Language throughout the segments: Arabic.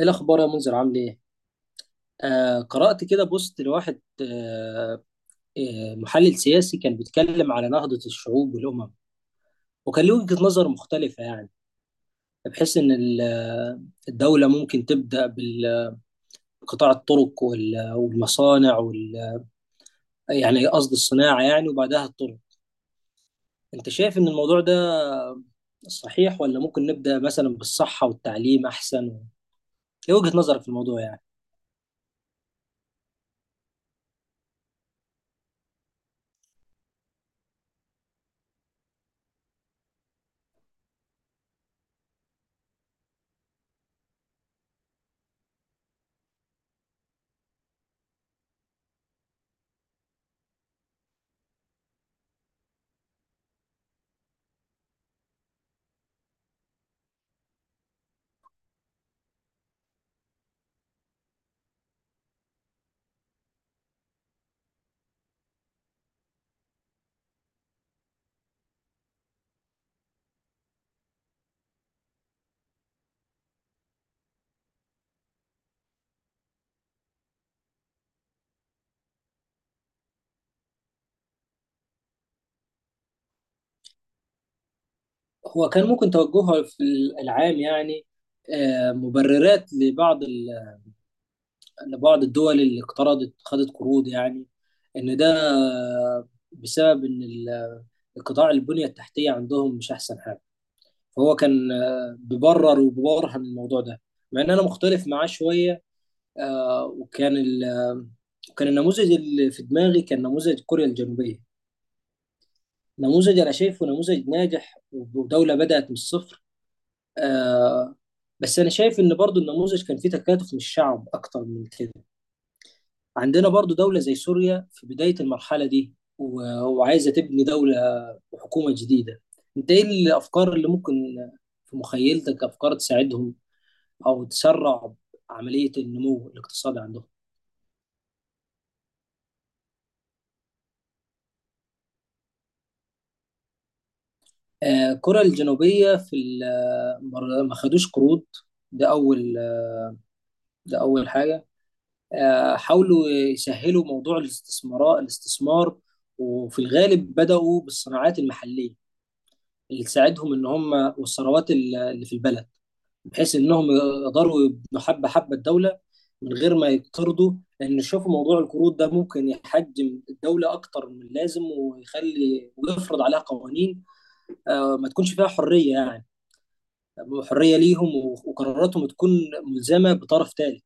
ايه الاخبار يا منذر، عامل ايه؟ قرات كده بوست لواحد. محلل سياسي كان بيتكلم على نهضه الشعوب والامم، وكان له وجهه نظر مختلفه يعني، بحيث ان الدوله ممكن تبدا بقطاع الطرق والمصانع وال آه، يعني قصد الصناعه يعني، وبعدها الطرق. انت شايف ان الموضوع ده صحيح، ولا ممكن نبدا مثلا بالصحه والتعليم احسن؟ ايه وجهه نظرك في الموضوع يعني؟ هو كان ممكن توجهها في العام يعني، مبررات لبعض الدول اللي اقترضت خدت قروض، يعني ان ده بسبب ان القطاع البنية التحتية عندهم مش احسن حاجة. فهو كان بيبرر وبيبرهن الموضوع ده، مع ان انا مختلف معاه شوية. آه، وكان ال- آه، وكان النموذج اللي في دماغي كان نموذج كوريا الجنوبية، نموذج انا شايفه نموذج ناجح، ودولة بدأت من الصفر. آه بس انا شايف ان برضو النموذج كان فيه تكاتف من الشعب اكتر من كده. عندنا برضو دولة زي سوريا في بداية المرحلة دي وعايزة تبني دولة وحكومة جديدة. انت ايه الافكار اللي ممكن في مخيلتك، افكار تساعدهم او تسرع عملية النمو الاقتصادي عندهم؟ كوريا الجنوبية ما خدوش قروض. ده اول ده اول حاجة. حاولوا يسهلوا موضوع الاستثمار، وفي الغالب بدأوا بالصناعات المحلية اللي تساعدهم ان هم، والثروات اللي في البلد، بحيث انهم يقدروا يبنوا حبة حبة الدولة من غير ما يقترضوا. لان شوفوا موضوع القروض ده ممكن يحجم الدولة اكتر من اللازم، ويخلي ويفرض عليها قوانين، ما تكونش فيها حرية يعني، حرية ليهم وقراراتهم تكون ملزمة بطرف ثالث.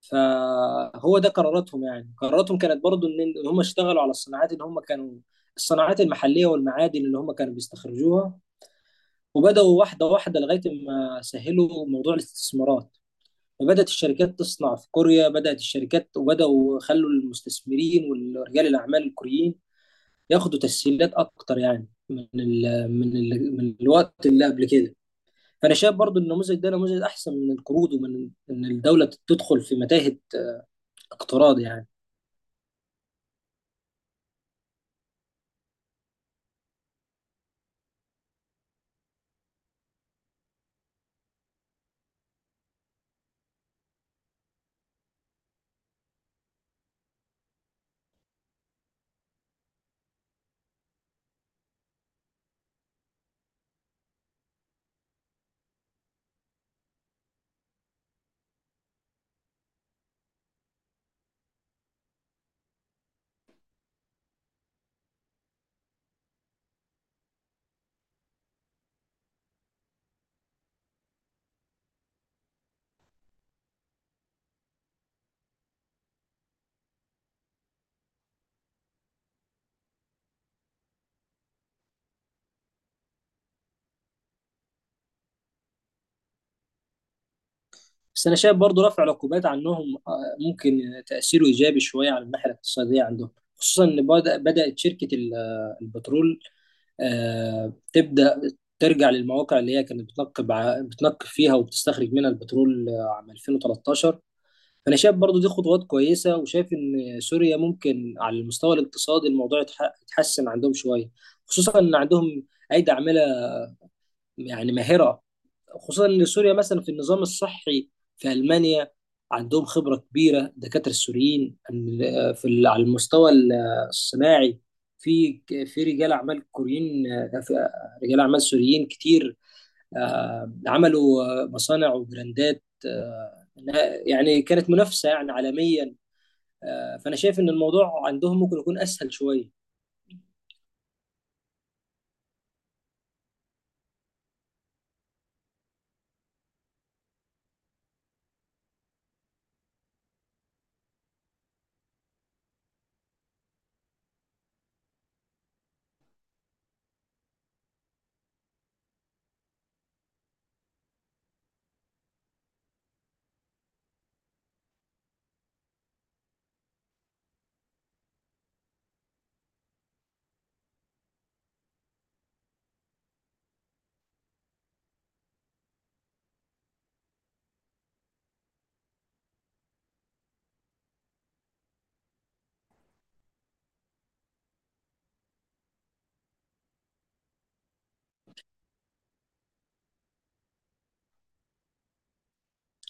فهو ده قراراتهم، يعني قراراتهم كانت برضو ان إن هم اشتغلوا على الصناعات اللي هم كانوا، الصناعات المحلية والمعادن اللي هم كانوا بيستخرجوها، وبدأوا واحدة واحدة لغاية ما سهلوا موضوع الاستثمارات. فبدأت الشركات تصنع في كوريا، بدأت الشركات، وبدأوا خلوا المستثمرين ورجال الأعمال الكوريين ياخدوا تسهيلات أكتر، يعني من الوقت اللي قبل كده. فأنا شايف برضو النموذج ده نموذج أحسن من القروض، ومن إن الدولة تدخل في متاهة اقتراض يعني. بس انا شايف برضو رفع العقوبات عنهم، ممكن تاثيره ايجابي شويه على الناحيه الاقتصاديه عندهم. خصوصا ان بدات شركه البترول تبدا ترجع للمواقع اللي هي كانت بتنقب بتنقب فيها وبتستخرج منها البترول عام 2013. فانا شايف برضو دي خطوات كويسه، وشايف ان سوريا ممكن على المستوى الاقتصادي الموضوع يتحسن عندهم شويه. خصوصا ان عندهم ايدي عامله يعني ماهره، خصوصا ان سوريا مثلا في النظام الصحي في المانيا عندهم خبره كبيره الدكاتره السوريين على المستوى الصناعي. في رجال اعمال كوريين، في رجال اعمال سوريين كتير، عملوا مصانع وبراندات، يعني كانت منافسه يعني عالميا. فانا شايف ان الموضوع عندهم ممكن يكون اسهل شويه.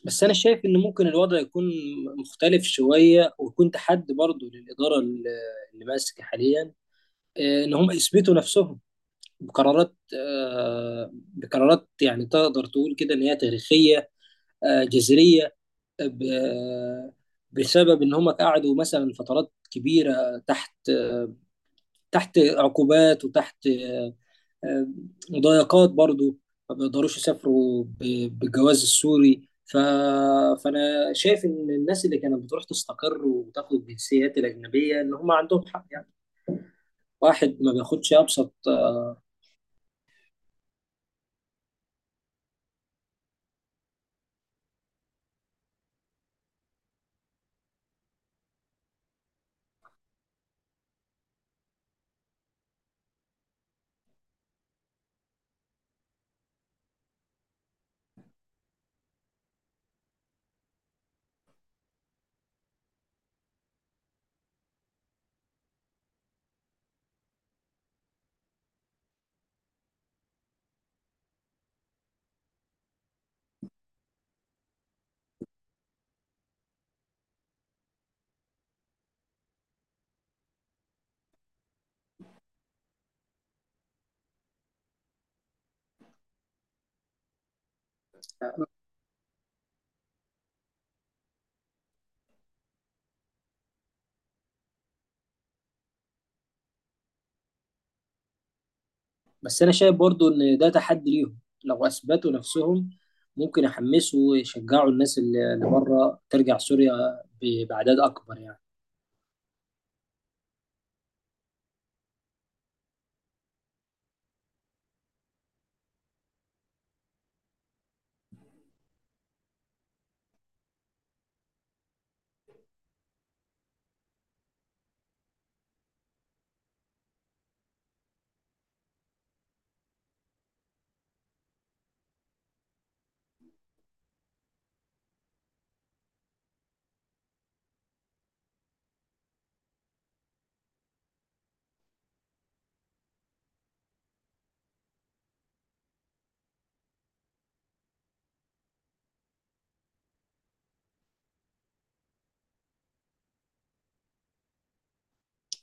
بس انا شايف ان ممكن الوضع يكون مختلف شويه، ويكون تحدي برضه للاداره اللي ماسكه حاليا، ان هم يثبتوا نفسهم بقرارات بقرارات، يعني تقدر تقول كده ان هي تاريخيه، جذريه، آه، ب- آه، بسبب ان هم قعدوا مثلا فترات كبيره تحت عقوبات، وتحت آه، مضايقات برضو، ما بيقدروش يسافروا بالجواز السوري. فانا شايف ان الناس اللي كانت بتروح تستقر وتاخد الجنسيات الاجنبيه ان هم عندهم حق يعني. واحد ما بياخدش ابسط. بس انا شايف برضو ان ده تحدي ليهم، لو اثبتوا نفسهم ممكن يحمسوا ويشجعوا الناس اللي بره ترجع سوريا باعداد اكبر يعني.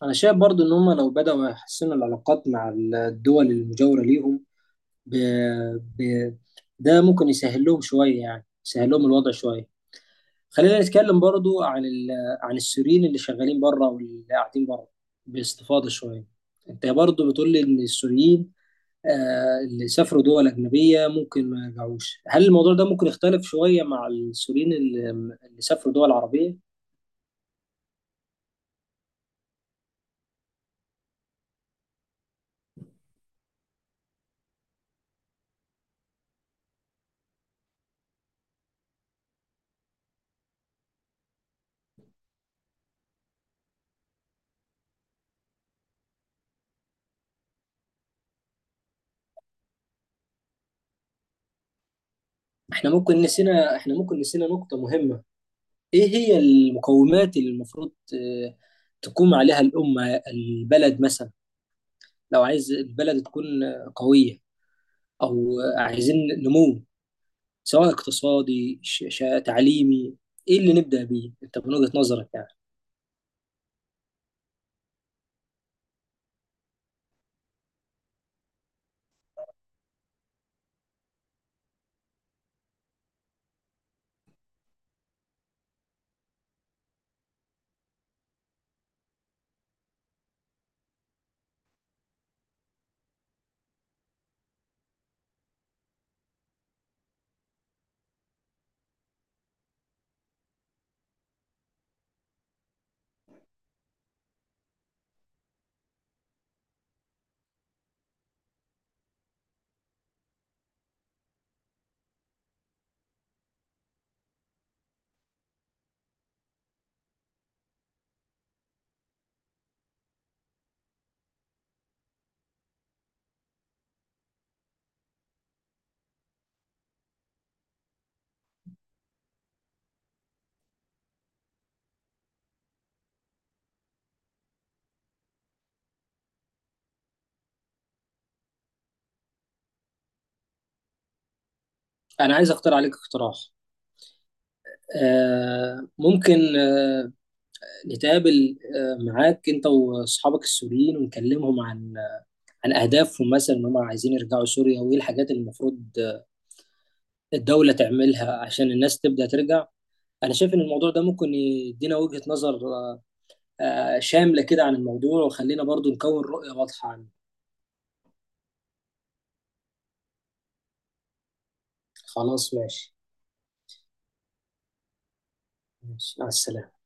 انا شايف برضو ان هم لو بداوا يحسنوا العلاقات مع الدول المجاوره ليهم، ب... ب... ده ممكن يسهل لهم شويه، يعني يسهل لهم الوضع شويه. خلينا نتكلم برضو عن عن السوريين اللي شغالين بره واللي قاعدين بره، باستفاضه شويه. انت برضو بتقول لي ان السوريين اللي سافروا دول أجنبية ممكن ما يرجعوش، هل الموضوع ده ممكن يختلف شوية مع السوريين اللي سافروا دول عربية؟ احنا ممكن نسينا نقطة مهمة. ايه هي المقومات اللي المفروض تقوم عليها الأمة البلد مثلا، لو عايز البلد تكون قوية، أو عايزين نمو، سواء اقتصادي تعليمي، ايه اللي نبدأ بيه انت من وجهة نظرك يعني؟ انا عايز اختار عليك اقتراح. ممكن نتقابل معاك انت واصحابك السوريين ونكلمهم عن اهدافهم مثلا ان هم عايزين يرجعوا سوريا، وايه الحاجات اللي المفروض الدولة تعملها عشان الناس تبدأ ترجع. انا شايف ان الموضوع ده ممكن يدينا وجهة نظر شاملة كده عن الموضوع، وخلينا برضو نكون رؤية واضحة عنه. خلاص، ماشي. ماشي، مع السلامة.